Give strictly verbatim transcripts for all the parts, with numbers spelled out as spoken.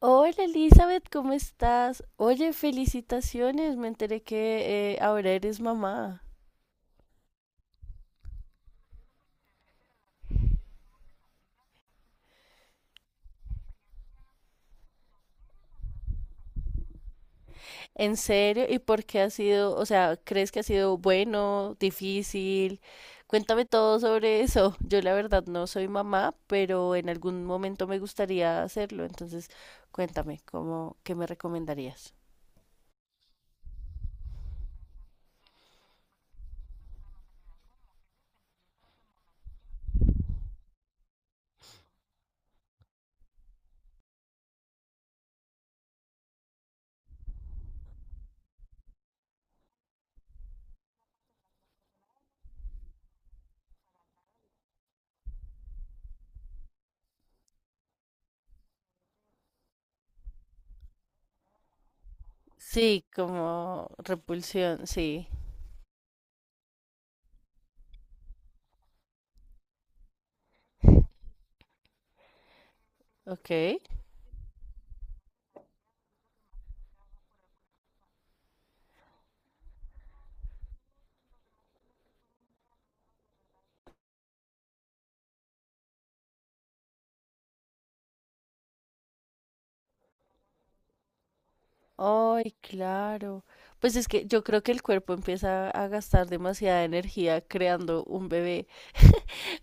Hola Elizabeth, ¿cómo estás? Oye, felicitaciones, me enteré que eh, ahora eres mamá. ¿En serio? ¿Y por qué ha sido, o sea, crees que ha sido bueno, difícil? Cuéntame todo sobre eso. Yo la verdad no soy mamá, pero en algún momento me gustaría hacerlo, entonces cuéntame, ¿cómo, qué me recomendarías? Sí, como repulsión, sí. Ok. Ay, claro. Pues es que yo creo que el cuerpo empieza a gastar demasiada energía creando un bebé.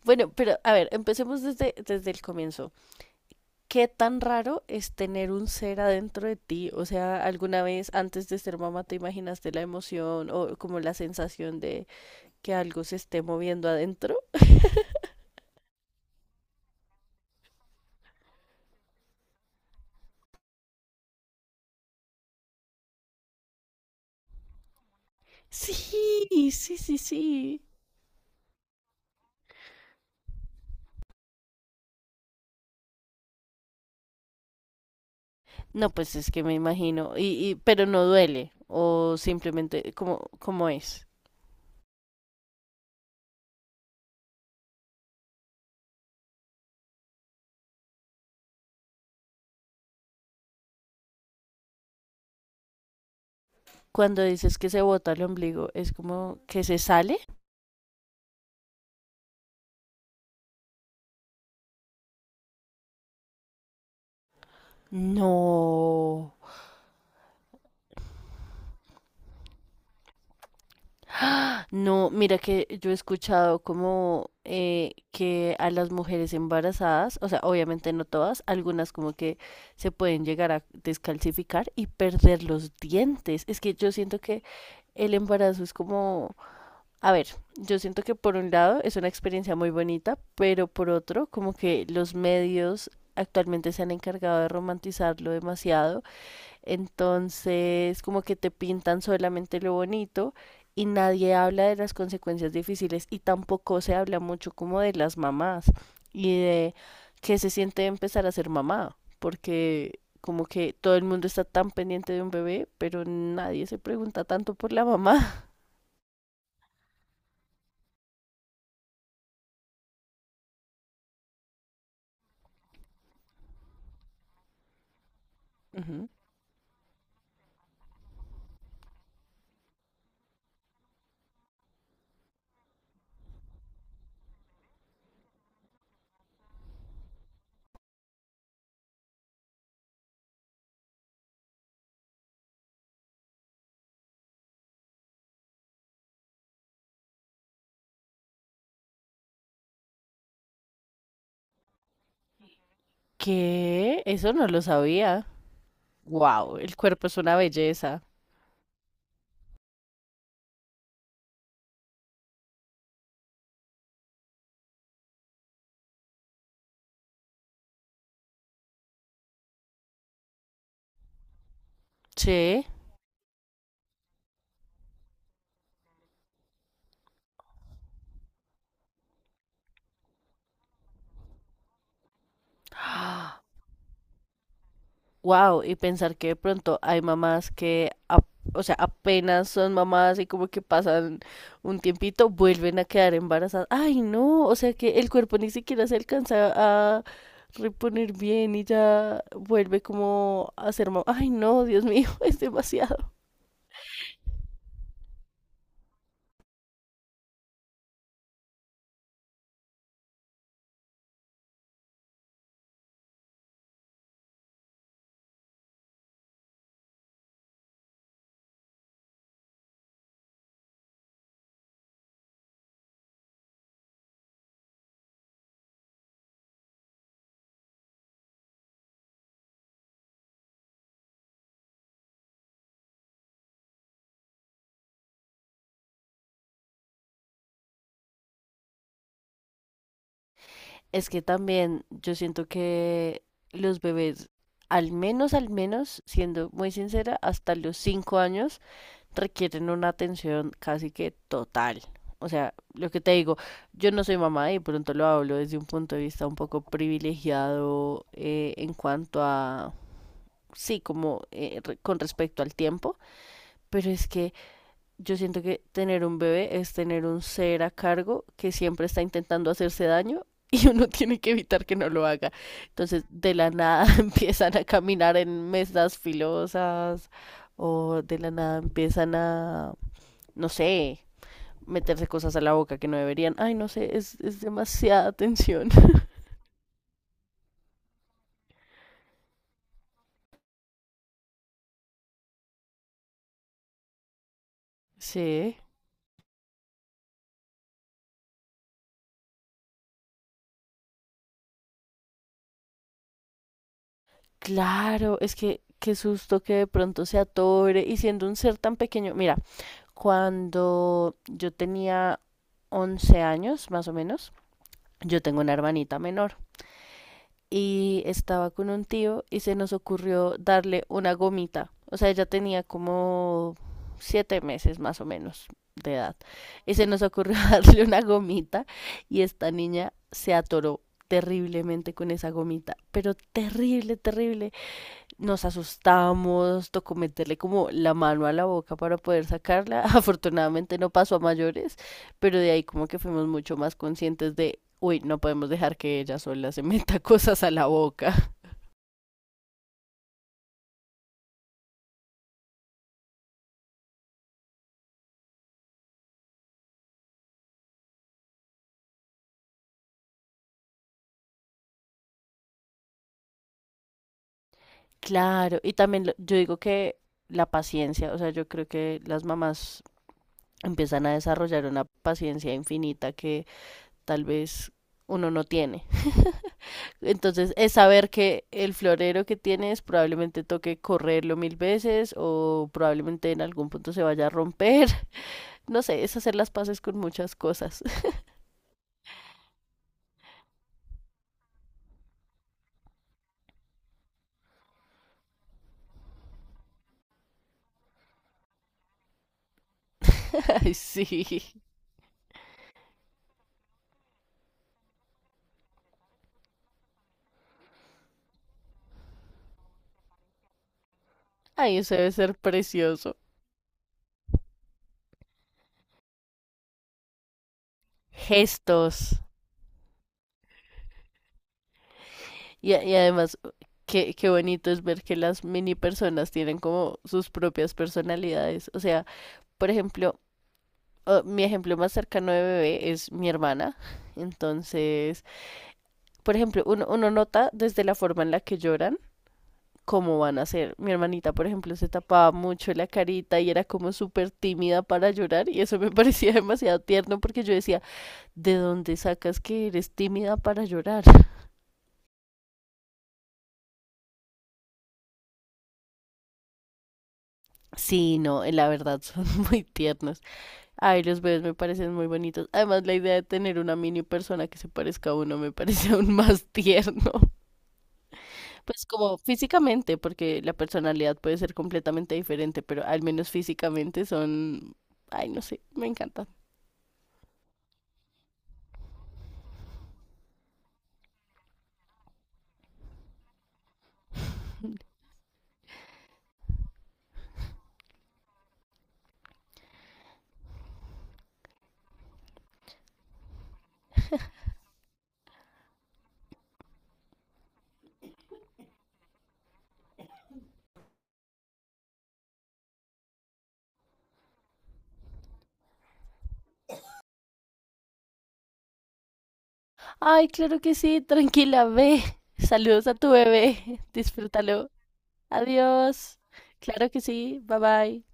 Bueno, pero a ver, empecemos desde, desde el comienzo. ¿Qué tan raro es tener un ser adentro de ti? O sea, ¿alguna vez antes de ser mamá te imaginaste la emoción o como la sensación de que algo se esté moviendo adentro? Sí, sí, sí, sí. No, pues es que me imagino. Y, y, pero no duele. O simplemente, cómo cómo es? Cuando dices que se bota el ombligo, ¿es como que se sale? No. No, mira que yo he escuchado como eh, que a las mujeres embarazadas, o sea, obviamente no todas, algunas como que se pueden llegar a descalcificar y perder los dientes. Es que yo siento que el embarazo es como, a ver, yo siento que por un lado es una experiencia muy bonita, pero por otro, como que los medios actualmente se han encargado de romantizarlo demasiado. Entonces, como que te pintan solamente lo bonito y nadie habla de las consecuencias difíciles y tampoco se habla mucho como de las mamás y de qué se siente empezar a ser mamá, porque como que todo el mundo está tan pendiente de un bebé, pero nadie se pregunta tanto por la mamá. Ujú. ¿Qué? Eso no lo sabía. Wow, el cuerpo es una belleza. Che. Wow, y pensar que de pronto hay mamás que, ap- o sea, apenas son mamás y como que pasan un tiempito, vuelven a quedar embarazadas. Ay, no, o sea que el cuerpo ni siquiera se alcanza a reponer bien y ya vuelve como a ser mamá. Ay, no, Dios mío, es demasiado. Es que también yo siento que los bebés, al menos, al menos, siendo muy sincera, hasta los cinco años requieren una atención casi que total. O sea, lo que te digo, yo no soy mamá y de pronto lo hablo desde un punto de vista un poco privilegiado eh, en cuanto a, sí, como eh, re- con respecto al tiempo, pero es que yo siento que tener un bebé es tener un ser a cargo que siempre está intentando hacerse daño y uno tiene que evitar que no lo haga. Entonces, de la nada empiezan a caminar en mesas filosas o de la nada empiezan a no sé, meterse cosas a la boca que no deberían. Ay, no sé, es, es demasiada tensión. Sí, claro, es que qué susto que de pronto se atore y siendo un ser tan pequeño. Mira, cuando yo tenía once años, más o menos, yo tengo una hermanita menor. Y estaba con un tío y se nos ocurrió darle una gomita. O sea, ella tenía como siete meses más o menos de edad. Y se nos ocurrió darle una gomita y esta niña se atoró terriblemente con esa gomita, pero terrible, terrible. Nos asustamos, tocó meterle como la mano a la boca para poder sacarla. Afortunadamente no pasó a mayores, pero de ahí como que fuimos mucho más conscientes de, uy, no podemos dejar que ella sola se meta cosas a la boca. Claro, y también lo- yo digo que la paciencia, o sea, yo creo que las mamás empiezan a desarrollar una paciencia infinita que tal vez uno no tiene. Entonces es saber que el florero que tienes probablemente toque correrlo mil veces o probablemente en algún punto se vaya a romper. No sé, es hacer las paces con muchas cosas. Ay, sí. Ay, eso debe ser precioso. Gestos. Y, a- y además, qué, qué bonito es ver que las mini personas tienen como sus propias personalidades. O sea, por ejemplo, oh, mi ejemplo más cercano de bebé es mi hermana. Entonces, por ejemplo, uno, uno nota desde la forma en la que lloran cómo van a ser. Mi hermanita, por ejemplo, se tapaba mucho la carita y era como súper tímida para llorar y eso me parecía demasiado tierno porque yo decía, ¿de dónde sacas que eres tímida para llorar? Sí, no, eh, la verdad son muy tiernos. Ay, los bebés me parecen muy bonitos. Además, la idea de tener una mini persona que se parezca a uno me parece aún más tierno. Pues como físicamente, porque la personalidad puede ser completamente diferente, pero al menos físicamente son, ay, no sé, me encanta. Ay, claro que sí, tranquila, ve. Saludos a tu bebé, disfrútalo. Adiós. Claro que sí, bye bye.